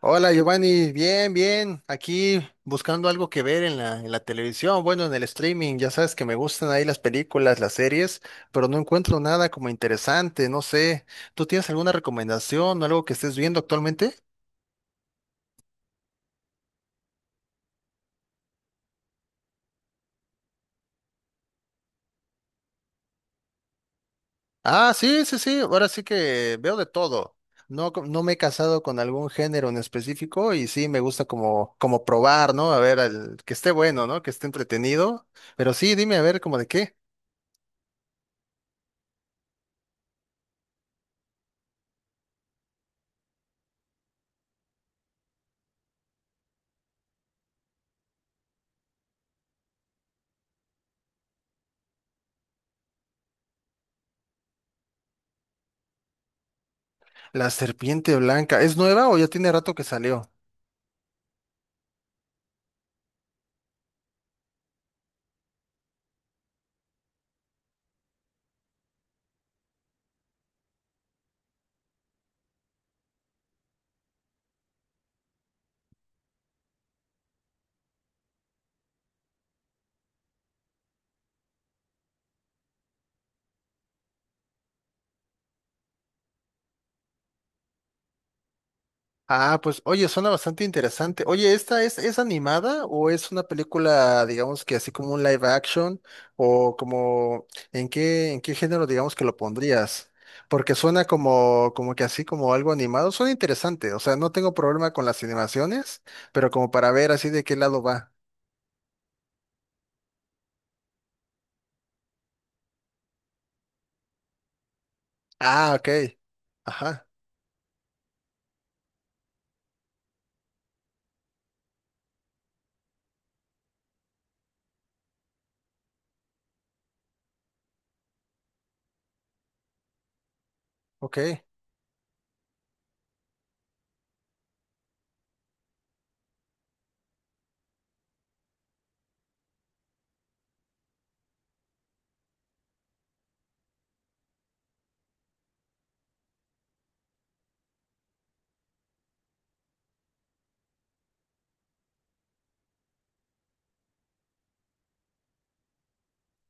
Hola Giovanni, bien, bien, aquí buscando algo que ver en la televisión, bueno, en el streaming, ya sabes que me gustan ahí las películas, las series, pero no encuentro nada como interesante, no sé, ¿tú tienes alguna recomendación, algo que estés viendo actualmente? Ah, sí, sí, sí, ahora sí que veo de todo, no, no me he casado con algún género en específico y sí, me gusta como probar, ¿no? A ver, que esté bueno, ¿no? Que esté entretenido, pero sí, dime a ver, como de qué. La serpiente blanca. ¿Es nueva o ya tiene rato que salió? Ah, pues oye, suena bastante interesante. Oye, ¿esta es animada o es una película, digamos que así como un live action? ¿O como en qué género digamos que lo pondrías? Porque suena como que así como algo animado. Suena interesante. O sea, no tengo problema con las animaciones, pero como para ver así de qué lado va. Ah, ok. Ajá, ok.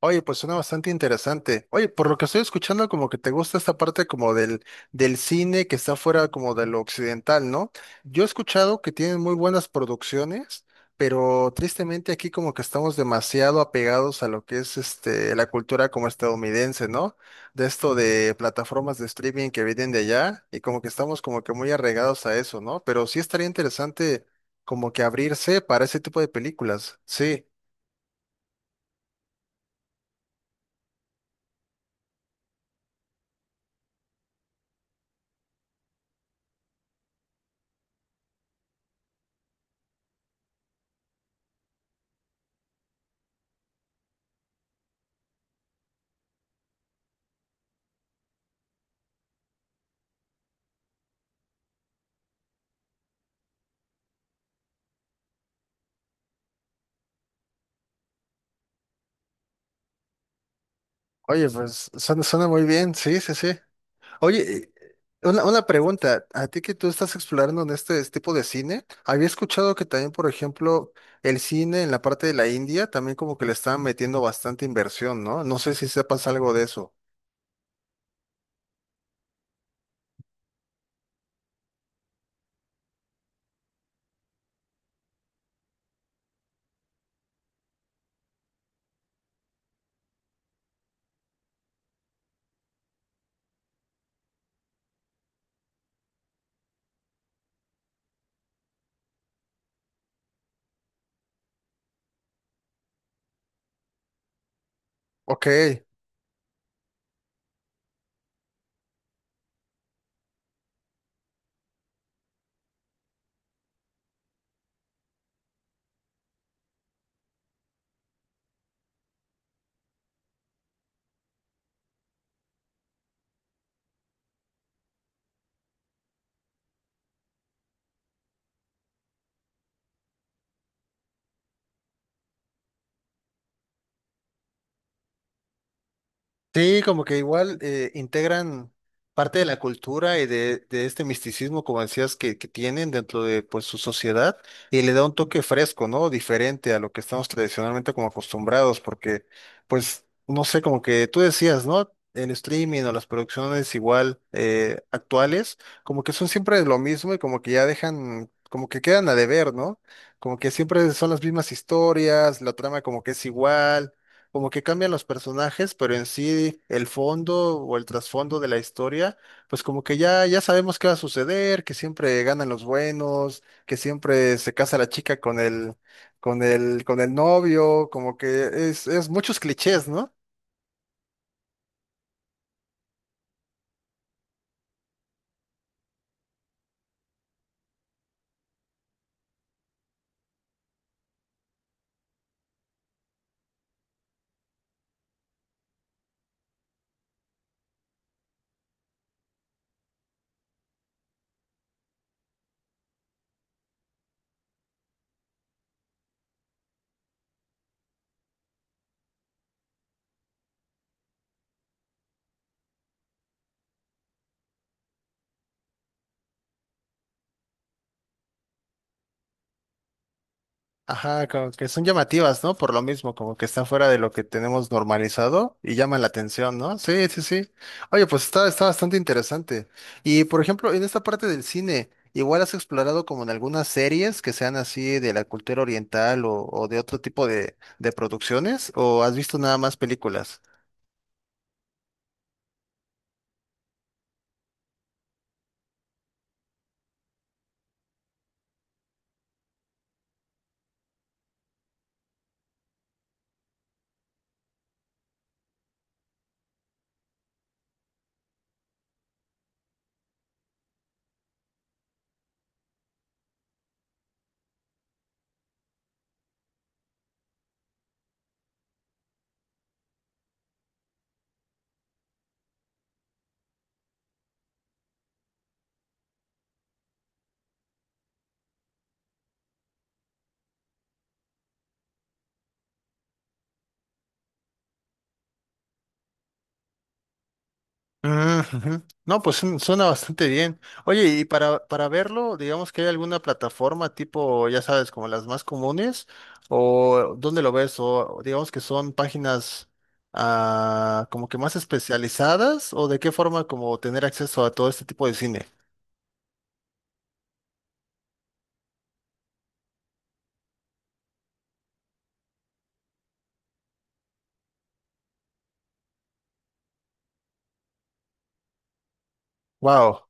Oye, pues suena bastante interesante. Oye, por lo que estoy escuchando, como que te gusta esta parte como del cine que está fuera como de lo occidental, ¿no? Yo he escuchado que tienen muy buenas producciones, pero tristemente aquí como que estamos demasiado apegados a lo que es este, la cultura como estadounidense, ¿no? De esto de plataformas de streaming que vienen de allá y como que estamos como que muy arraigados a eso, ¿no? Pero sí estaría interesante como que abrirse para ese tipo de películas, sí. Oye, pues suena, suena muy bien, sí, sí, sí. Oye, una pregunta, a ti que tú estás explorando en este tipo de cine, había escuchado que también, por ejemplo, el cine en la parte de la India también como que le estaban metiendo bastante inversión, ¿no? No sé si sepas algo de eso. Ok. Sí, como que igual integran parte de la cultura y de este misticismo, como decías, que tienen dentro de pues su sociedad y le da un toque fresco, ¿no? Diferente a lo que estamos tradicionalmente como acostumbrados, porque pues, no sé, como que tú decías, ¿no? El streaming o las producciones igual actuales, como que son siempre lo mismo y como que ya dejan, como que quedan a deber, ¿no? Como que siempre son las mismas historias, la trama como que es igual como que cambian los personajes, pero en sí el fondo o el trasfondo de la historia, pues como que ya, ya sabemos qué va a suceder, que siempre ganan los buenos, que siempre se casa la chica con el novio, como que es muchos clichés, ¿no? Ajá, como que son llamativas, ¿no? Por lo mismo, como que están fuera de lo que tenemos normalizado y llaman la atención, ¿no? Sí, sí, sí. Oye, pues está bastante interesante. Y por ejemplo, en esta parte del cine, igual has explorado como en algunas series que sean así de la cultura oriental o de otro tipo de producciones, o has visto nada más películas? Mm, ujú. No, pues suena bastante bien. Oye, y para verlo, digamos que hay alguna plataforma tipo, ya sabes, como las más comunes, o dónde lo ves, o digamos que son páginas ah, como que más especializadas, o de qué forma como tener acceso a todo este tipo de cine. Wow.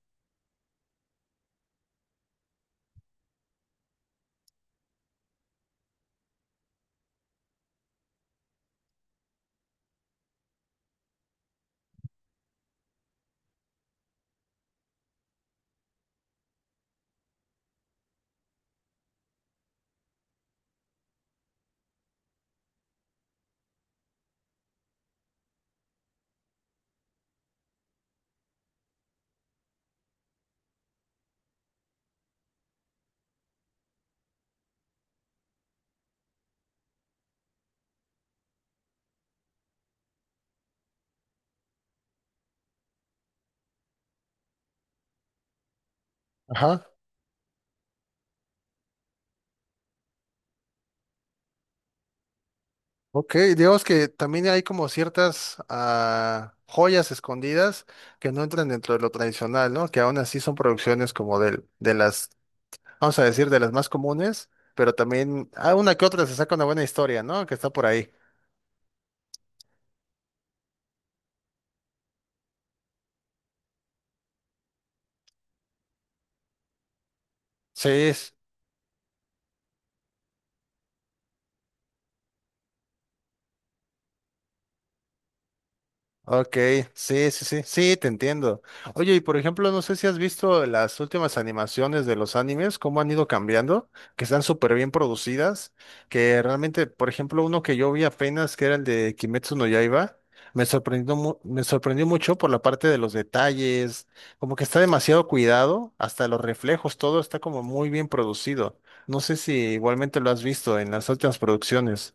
Ajá. Ok, digamos que también hay como ciertas ah, joyas escondidas que no entran dentro de lo tradicional, ¿no? Que aún así son producciones las vamos a decir, de las más comunes, pero también, ah, una que otra se saca una buena historia, ¿no? Que está por ahí. Sí, ok, sí, sí, sí, sí, te entiendo. Oye, y por ejemplo, no sé si has visto las últimas animaciones de los animes, cómo han ido cambiando, que están súper bien producidas, que realmente, por ejemplo, uno que yo vi apenas, que era el de Kimetsu no Yaiba, me sorprendió, me sorprendió mucho por la parte de los detalles, como que está demasiado cuidado, hasta los reflejos, todo está como muy bien producido. No sé si igualmente lo has visto en las últimas producciones.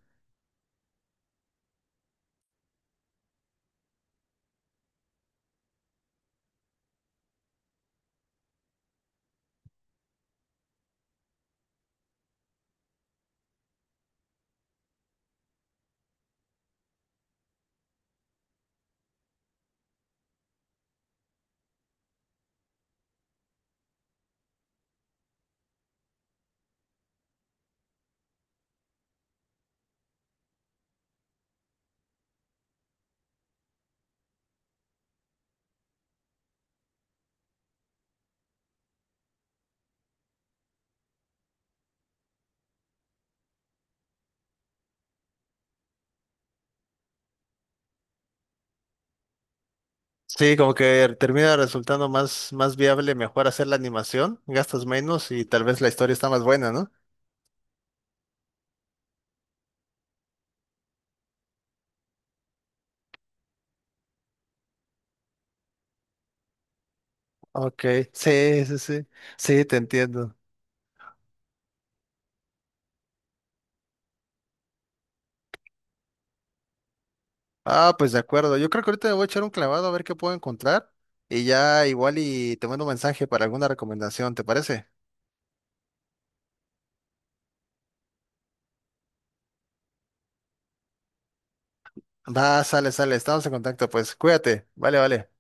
Sí, como que termina resultando más viable, mejor hacer la animación, gastas menos y tal vez la historia está más buena, ¿no? Ok, sí, sí, sí, sí, te entiendo. Ah, pues de acuerdo, yo creo que ahorita me voy a echar un clavado a ver qué puedo encontrar y ya igual y te mando un mensaje para alguna recomendación, ¿te parece? Va, sale, sale, estamos en contacto, pues cuídate, vale, vale.